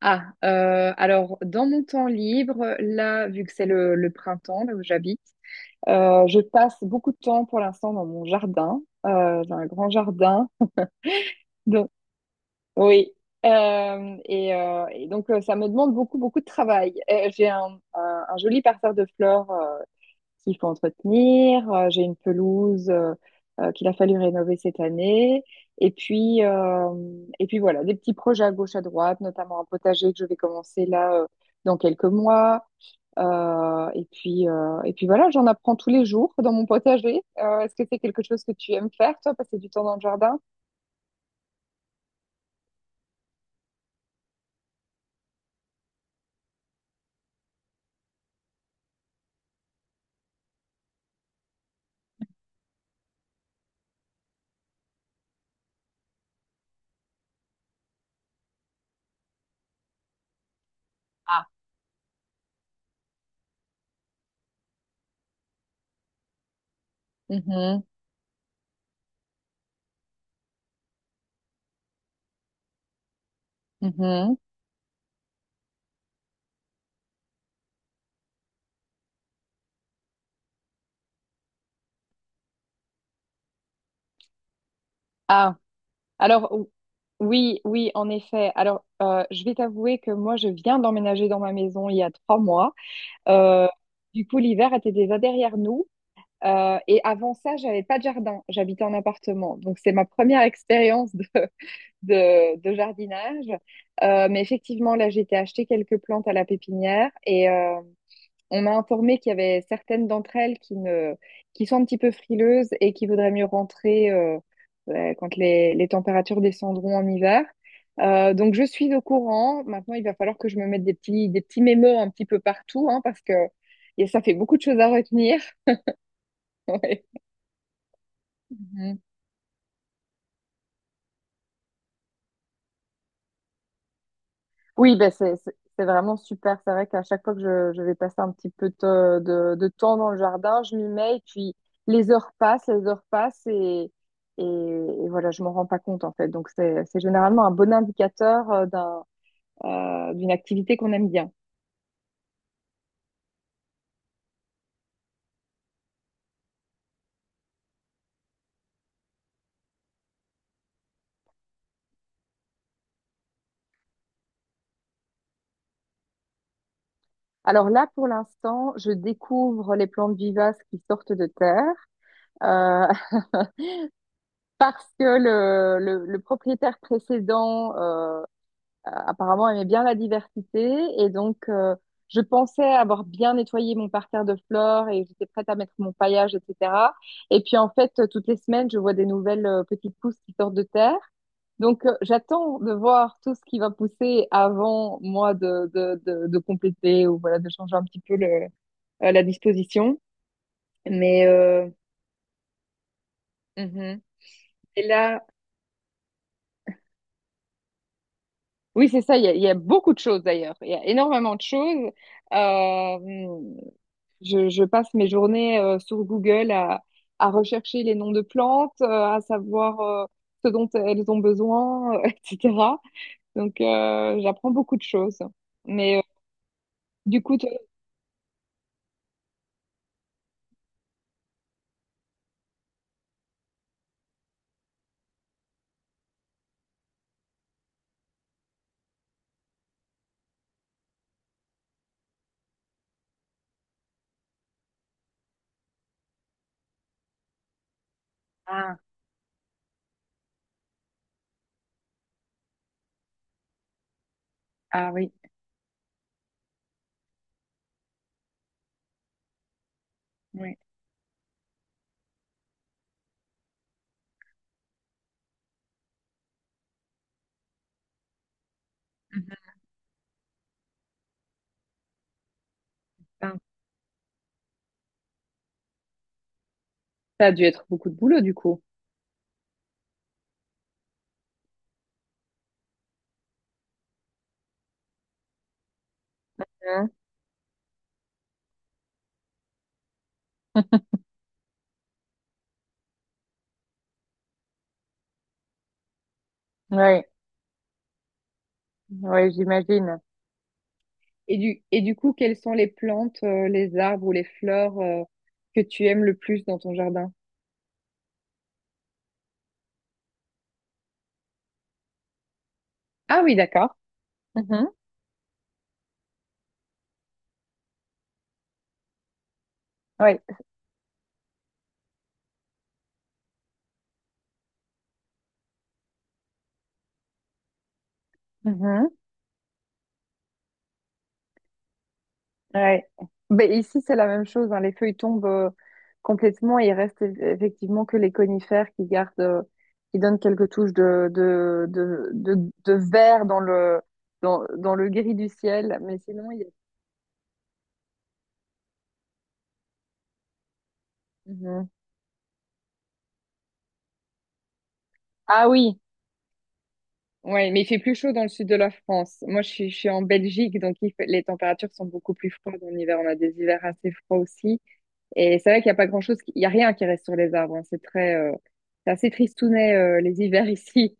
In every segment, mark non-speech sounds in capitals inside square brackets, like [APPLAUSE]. Ah, alors dans mon temps libre, là, vu que c'est le printemps, là où j'habite, je passe beaucoup de temps pour l'instant dans mon jardin. J'ai un grand jardin. Donc, oui. Et donc, ça me demande beaucoup, beaucoup de travail. J'ai un joli parterre de fleurs qu'il faut entretenir. J'ai une pelouse qu'il a fallu rénover cette année. Et puis, euh, et puis voilà, des petits projets à gauche, à droite, notamment un potager que je vais commencer là dans quelques mois. Et puis voilà, j'en apprends tous les jours dans mon potager. Est-ce que c'est quelque chose que tu aimes faire, toi, passer du temps dans le jardin? Ah, mhm, mhm. Ah, alors oui, oui, en effet. Alors, je vais t'avouer que moi, je viens d'emménager dans ma maison il y a 3 mois. Euh, du coup, l'hiver était déjà derrière nous. Et avant ça, j'avais pas de jardin. J'habitais en appartement. Donc, c'est ma première expérience de, [LAUGHS] de jardinage. Mais effectivement, là, j'ai été acheter quelques plantes à la pépinière. On m'a informé qu'il y avait certaines d'entre elles qui ne, qui sont un petit peu frileuses et qui voudraient mieux rentrer quand les températures descendront en hiver. Donc je suis au courant. Maintenant, il va falloir que je me mette des petits mémos un petit peu partout, hein, parce que et ça fait beaucoup de choses à retenir. [LAUGHS] Ouais. Oui, ben c'est vraiment super. C'est vrai qu'à chaque fois que je vais passer un petit peu de temps dans le jardin, je m'y mets et puis les heures passent et voilà, je m'en rends pas compte en fait. Donc c'est généralement un bon indicateur d'une activité qu'on aime bien. Alors là, pour l'instant, je découvre les plantes vivaces qui sortent de terre euh, [LAUGHS] parce que le propriétaire précédent apparemment aimait bien la diversité. Et donc, je pensais avoir bien nettoyé mon parterre de fleurs et j'étais prête à mettre mon paillage, etc. Et puis, en fait, toutes les semaines, je vois des nouvelles petites pousses qui sortent de terre. Donc, j'attends de voir tout ce qui va pousser avant, moi, de compléter ou voilà, de changer un petit peu la disposition. Mais mhm. Et là, oui, c'est ça, il y a beaucoup de choses d'ailleurs. Il y a énormément de choses. Euh, je passe mes journées sur Google à rechercher les noms de plantes, à savoir ce dont elles ont besoin, [LAUGHS] etc. Donc, j'apprends beaucoup de choses. Mais du coup, toi. Ah, ah oui, oui. Mhm. Ah, ça a dû être beaucoup de boulot du coup. Hein. [LAUGHS] Ouais, ouais, j'imagine. Et du coup, quelles sont les plantes, les arbres ou les fleurs, que tu aimes le plus dans ton jardin? Ah oui, d'accord. Mhm. Ouais. Mhm. Ouais. Ben, ici, c'est la même chose, hein. Les feuilles tombent complètement et il reste effectivement que les conifères qui donnent quelques touches de vert dans le gris du ciel. Mais sinon, il y a... Mhm. Ah oui, ouais, mais il fait plus chaud dans le sud de la France. Moi, je suis en Belgique, donc les températures sont beaucoup plus froides en hiver. On a des hivers assez froids aussi. Et c'est vrai qu'il n'y a pas grand-chose, il n'y a rien qui reste sur les arbres, hein. C'est assez tristounet, les hivers [LAUGHS] ici.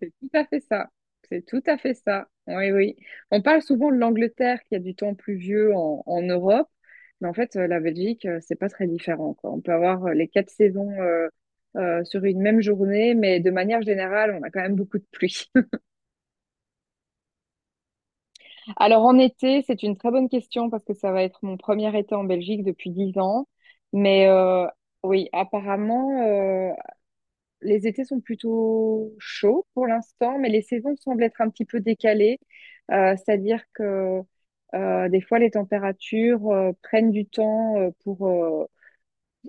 C'est tout à fait ça. C'est tout à fait ça. Oui, oui. On parle souvent de l'Angleterre qui a du temps pluvieux en Europe, mais en fait, la Belgique, c'est pas très différent, quoi. On peut avoir les quatre saisons sur une même journée, mais de manière générale, on a quand même beaucoup de pluie. [LAUGHS] Alors en été, c'est une très bonne question parce que ça va être mon premier été en Belgique depuis 10 ans. Mais oui, apparemment, les étés sont plutôt chauds pour l'instant, mais les saisons semblent être un petit peu décalées. C'est-à-dire que des fois, les températures prennent du temps pour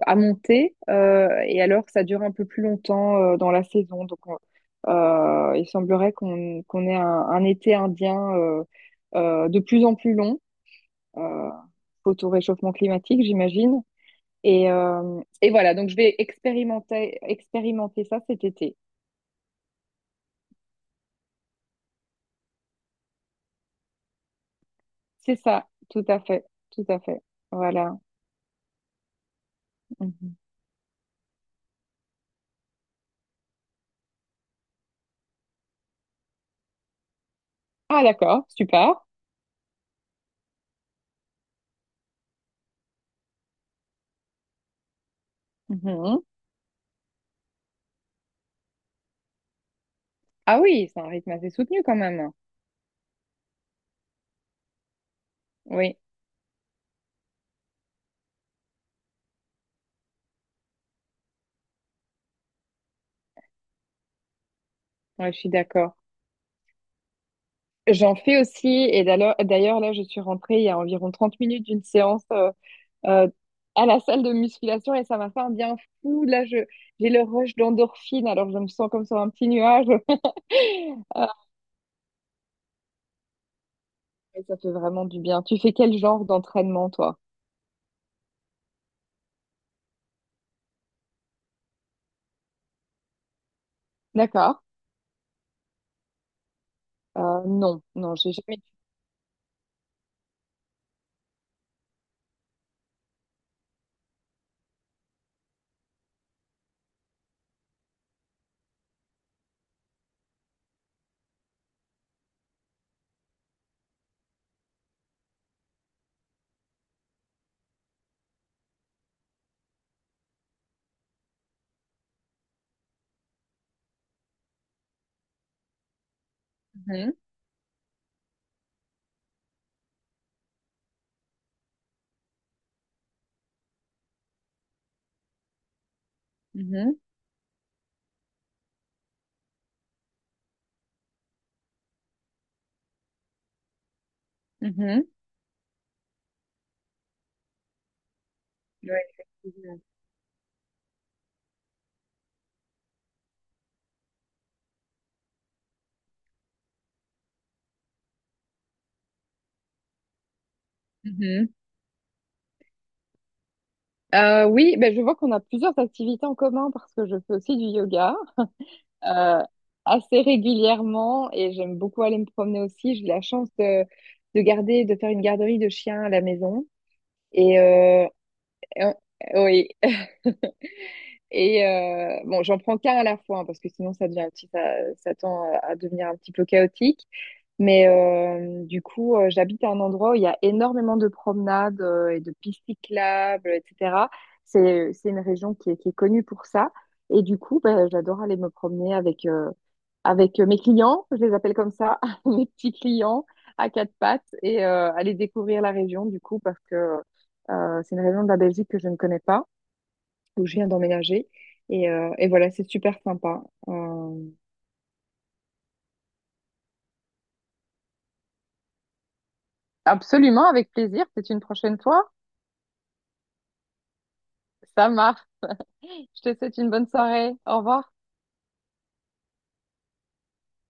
à monter, et alors ça dure un peu plus longtemps dans la saison. Donc, il semblerait qu'on ait un été indien de plus en plus long, euh, faute au réchauffement climatique, j'imagine. Et voilà, donc je vais expérimenter ça cet été. C'est ça, tout à fait, tout à fait. Voilà. Mhm. Ah, d'accord, super. Mhm. Ah oui, c'est un rythme assez soutenu quand même. Oui, ouais, je suis d'accord. J'en fais aussi, et d'ailleurs, là, je suis rentrée il y a environ 30 minutes d'une séance euh, à la salle de musculation et ça m'a fait un bien fou. Là, j'ai le rush d'endorphine, alors je me sens comme sur un petit nuage. [LAUGHS] Ah, mais ça fait vraiment du bien. Tu fais quel genre d'entraînement, toi? D'accord. Non, non, j'ai jamais. Mhm, mhm, mhm. Ouais, effectivement. Mhm. Oui, ben je vois qu'on a plusieurs activités en commun parce que je fais aussi du yoga euh, assez régulièrement et j'aime beaucoup aller me promener aussi. J'ai la chance de faire une garderie de chiens à la maison. Et euh, oui. Et bon, j'en prends qu'un à la fois, hein, parce que sinon ça devient un petit, ça tend à devenir un petit peu chaotique. Mais du coup, j'habite à un endroit où il y a énormément de promenades et de pistes cyclables, etc. C'est une région qui est connue pour ça. Et du coup, ben, j'adore aller me promener avec mes clients, je les appelle comme ça, [LAUGHS] mes petits clients à quatre pattes, et aller découvrir la région, du coup, parce que c'est une région de la Belgique que je ne connais pas où je viens d'emménager. Et voilà, c'est super sympa. Euh, Absolument, avec plaisir. C'est une prochaine fois. Ça marche. Je te souhaite une bonne soirée. Au revoir.